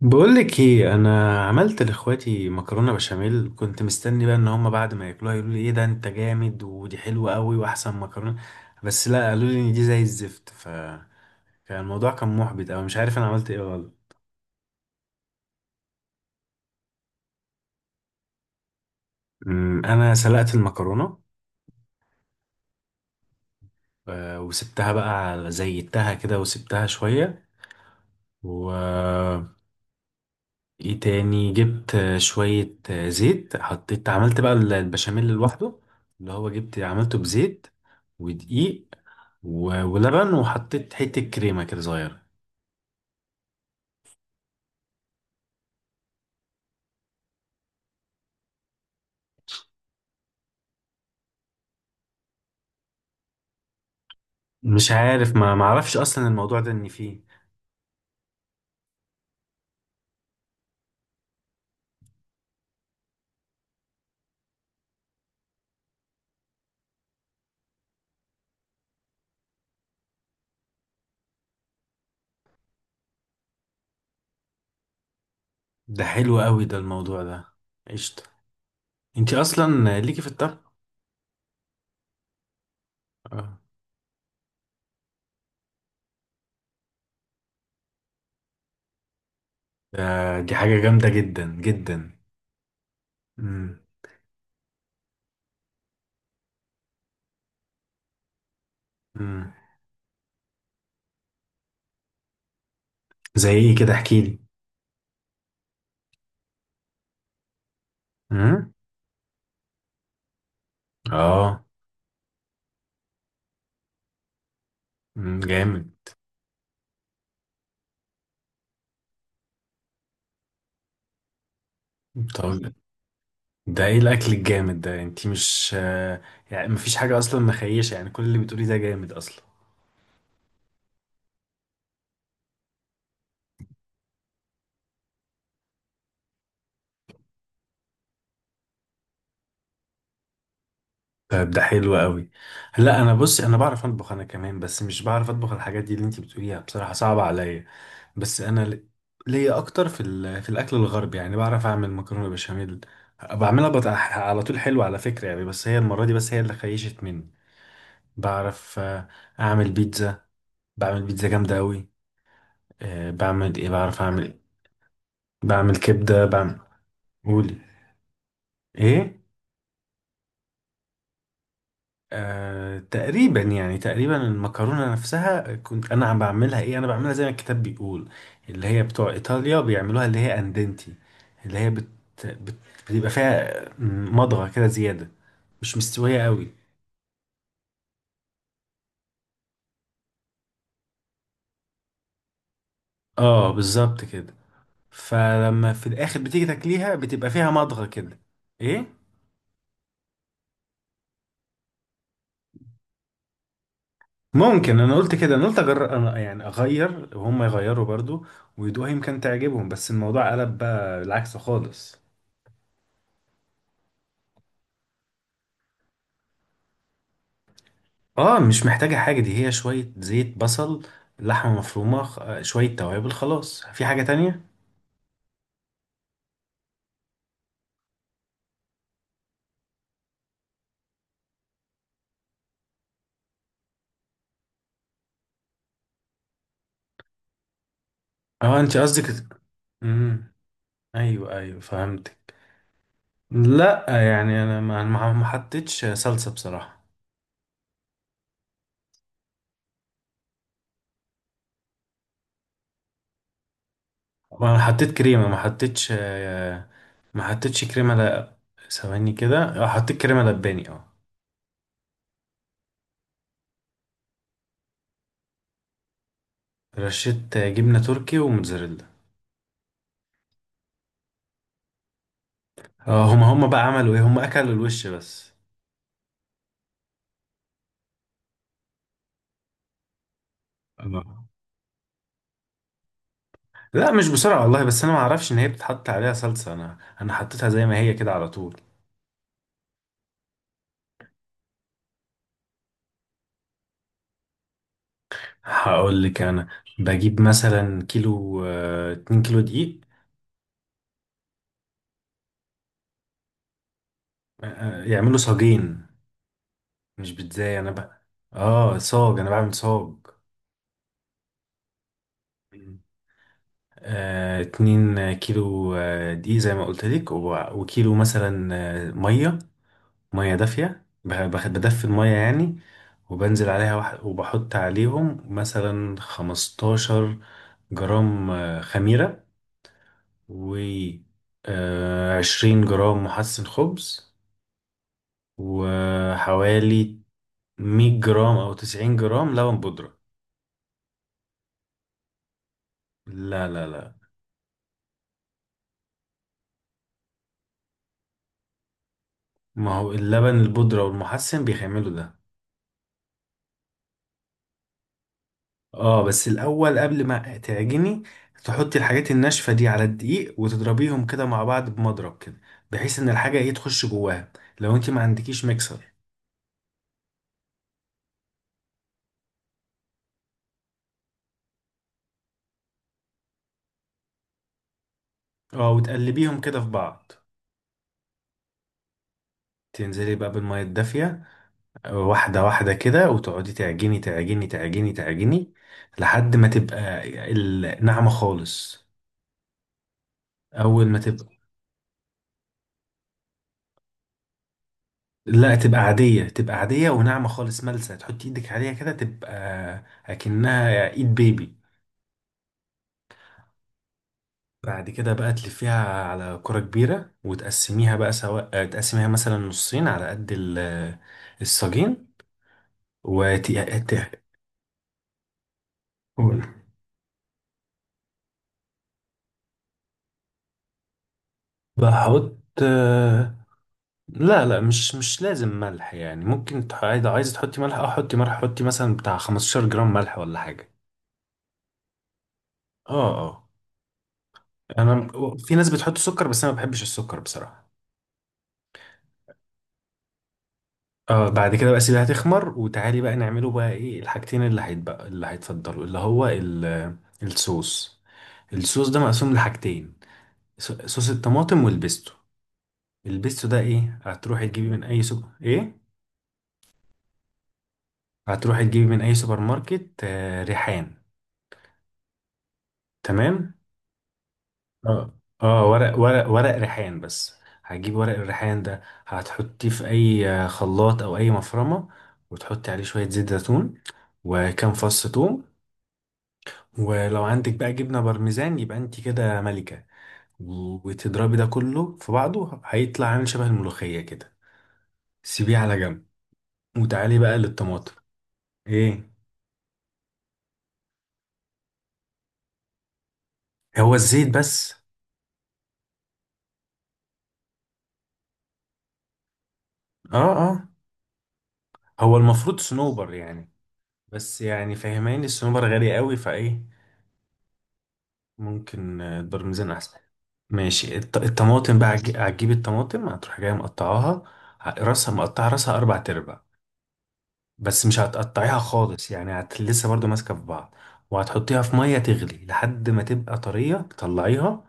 بقولك ايه، انا عملت لاخواتي مكرونه بشاميل. كنت مستني بقى ان هم بعد ما ياكلوها يقولوا لي ايه ده انت جامد ودي حلوه قوي واحسن مكرونه. بس لا، قالوا لي ان دي زي الزفت. فكان الموضوع كان محبط، او مش عارف انا عملت ايه غلط. انا سلقت المكرونه. وسبتها بقى زيتها كده وسبتها شويه. ايه تاني؟ جبت شوية زيت، حطيت، عملت بقى البشاميل لوحده. اللي هو جبت عملته بزيت ودقيق ولبن، وحطيت حتة كريمة كده صغيرة. مش عارف، ما معرفش اصلا الموضوع ده ان فيه. ده حلو قوي ده الموضوع ده. قشطة. انتي اصلا ليكي في الطبخ. اه. دي حاجة جامدة جدا جدا. مم. مم. زي ايه كده؟ احكيلي. مم. اه. مم. جامد. طب ده ايه الاكل الجامد ده؟ انتي مش يعني مفيش حاجه اصلا مخيشه، يعني كل اللي بتقوليه ده جامد اصلا. طيب ده حلو قوي. لا، انا بصي، انا بعرف اطبخ انا كمان، بس مش بعرف اطبخ الحاجات دي اللي انتي بتقوليها بصراحه صعبه عليا. بس انا ليا اكتر في الاكل الغربي. يعني بعرف اعمل مكرونه بشاميل، على طول حلو على فكره يعني، بس هي المره دي بس هي اللي خيشت مني. بعرف اعمل بيتزا. بعمل بيتزا جامده قوي. بعمل ايه؟ بعرف اعمل، بعمل كبده، بعمل. قولي. ايه؟ تقريبا، يعني تقريبا المكرونة نفسها كنت أنا عم بعملها، إيه أنا بعملها زي ما الكتاب بيقول. اللي هي بتوع إيطاليا بيعملوها، اللي هي أندنتي، اللي هي بت... بتبقى فيها مضغة كده زيادة، مش مستوية قوي. اه، بالظبط كده. فلما في الآخر بتيجي تاكليها بتبقى فيها مضغة كده. إيه؟ ممكن، أنا قلت كده، أنا قلت أجرب أنا يعني أغير وهم يغيروا برضو ويدوها يمكن تعجبهم، بس الموضوع قلب بقى العكس خالص. اه، مش محتاجة حاجة، دي هي شوية زيت، بصل، لحمة مفرومة، شوية توابل، خلاص. في حاجة تانية؟ اه، انت قصدك. امم. ايوه ايوه، فهمتك. لا، يعني انا ما حطيتش صلصة بصراحة. انا حطيت كريمة، ما حطيتش ما حطيتش كريمة، لا. ثواني كده، اه حطيت كريمة لباني، اه. رشيت جبنة تركي وموتزاريلا. اه، هما بقى عملوا ايه؟ هما اكلوا الوش بس. اه. لا مش بسرعة والله، بس أنا ما أعرفش إن هي بتتحط عليها صلصة، أنا حطيتها زي ما هي كده على طول. هقول لك أنا بجيب مثلا كيلو، اتنين كيلو دقيق. يعملوا صاجين، مش بتزاي أنا بقى. صاج، أنا بعمل صاج. اتنين كيلو دقيق زي ما قلت لك، وكيلو مثلا مية، مية دافية، بدفي المية يعني. وبنزل عليها وبحط عليهم مثلا 15 جرام خميرة، و 20 جرام محسن خبز، وحوالي 100 جرام أو 90 جرام لبن بودرة. لا لا لا، ما هو اللبن البودرة والمحسن بيخملوا ده. اه، بس الأول قبل ما تعجني تحطي الحاجات الناشفة دي على الدقيق وتضربيهم كده مع بعض بمضرب كده، بحيث إن الحاجة ايه تخش جواها لو انت ما عندكيش ميكسر. اه، وتقلبيهم كده في بعض، تنزلي بقى بالمية الدافية واحدة واحدة كده، وتقعدي تعجني تعجني تعجني تعجني لحد ما تبقى الناعمة خالص. أول ما تبقى. لا، تبقى عادية، تبقى عادية وناعمة خالص ملسة، تحطي ايدك عليها كده تبقى أكنها ايد بيبي. بعد كده بقى تلفيها على كرة كبيرة وتقسميها بقى، سواء تقسميها مثلا نصين على قد الساجين. وت... بحط. لا لا، مش لازم ملح يعني، ممكن عايزة عايزة تحطي ملح، اه حطي ملح، حطي مثلا بتاع 15 جرام ملح ولا حاجة. اه اه. انا، في ناس بتحط سكر، بس انا ما بحبش السكر بصراحة. اه، بعد كده بقى سيبها تخمر، وتعالي بقى نعمله بقى ايه الحاجتين اللي هيتبقى اللي هيتفضلوا، اللي هو الصوص. الصوص ده مقسوم لحاجتين، صوص الطماطم والبيستو. البيستو ده ايه؟ هتروحي تجيبي من اي سوبر ايه، هتروحي تجيبي من اي سوبر ماركت، آه ريحان. تمام. اه اه، ورق ورق ورق ريحان بس. هتجيب ورق الريحان ده، هتحطيه في اي خلاط او اي مفرمه، وتحطي عليه شويه زيت زيتون، وكام فص ثوم. ولو عندك بقى جبنه بارميزان، يبقى انت كده ملكه. وتضربي ده كله في بعضه، هيطلع عامل شبه الملوخيه كده. سيبيه على جنب وتعالي بقى للطماطم. ايه؟ هو الزيت بس. اه اه، هو المفروض صنوبر يعني، بس يعني فاهماني الصنوبر غالي قوي، فايه؟ ممكن البرميزان احسن. ماشي، الطماطم بقى، هتجيب الطماطم هتروح جايه مقطعاها، راسها مقطعه، راسها اربع تربع، بس مش هتقطعيها خالص يعني. لسه برضو ماسكه في بعض. وهتحطيها في ميه تغلي لحد ما تبقى طريه، تطلعيها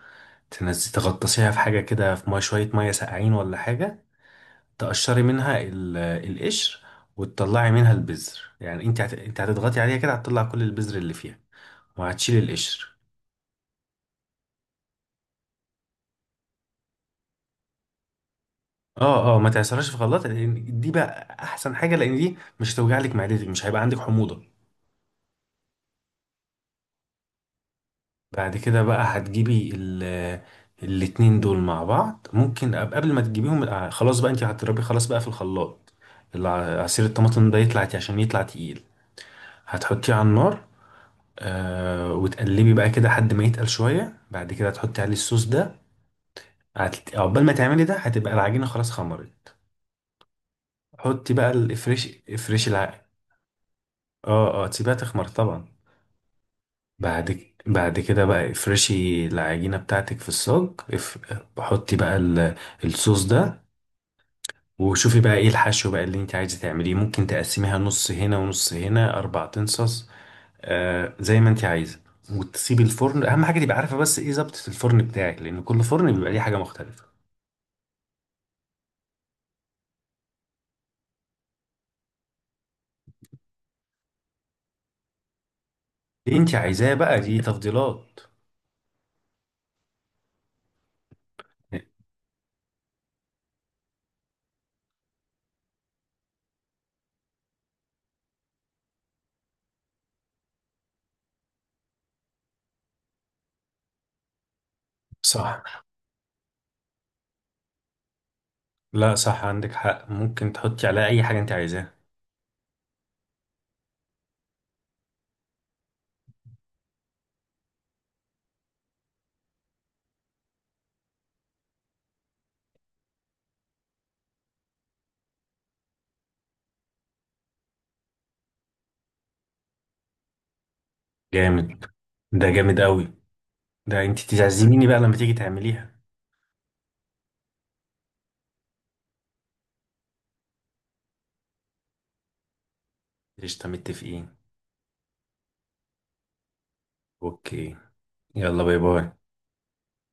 تنزلي تغطسيها في حاجه كده في ميه، شويه ميه ساقعين ولا حاجه، تقشري منها القشر وتطلعي منها البذر، يعني انت انت هتضغطي عليها كده هتطلع كل البذر اللي فيها، وهتشيلي القشر. اه اه، ما تعصرهاش في خلاط لان دي بقى احسن حاجه، لان دي مش هتوجع لك معدتك، مش هيبقى عندك حموضه. بعد كده بقى هتجيبي الاتنين دول مع بعض، ممكن قبل ما تجيبيهم خلاص بقى انت هتضربيه خلاص بقى في الخلاط. عصير الطماطم ده يطلع، عشان يطلع تقيل هتحطيه على النار، وتقلبي بقى كده لحد ما يتقل شويه، بعد كده تحطي عليه الصوص ده. عقبال ما تعملي ده هتبقى العجينه خلاص خمرت. حطي بقى الافريش، افريش اه اه، تسيبيها تخمر طبعا. بعد كده بقى افرشي العجينة بتاعتك في الصاج. اف... حطي بقى الصوص ده، وشوفي بقى ايه الحشو بقى اللي انت عايزة تعمليه. ممكن تقسميها نص هنا ونص هنا، اربع تنصص، زي ما انت عايزة. وتسيبي الفرن، اهم حاجة تبقى عارفة بس ايه ظبطة الفرن بتاعك، لان كل فرن بيبقى ليه حاجة مختلفة. اللي انت عايزاه بقى، دي تفضيلات. صح. لا صح، عندك حق، ممكن تحطي عليها اي حاجة انت عايزاها. جامد. ده جامد قوي، ده انت تعزميني بقى لما تيجي تعمليها. قشطة، متفقين. اوكي. يلا، باي باي.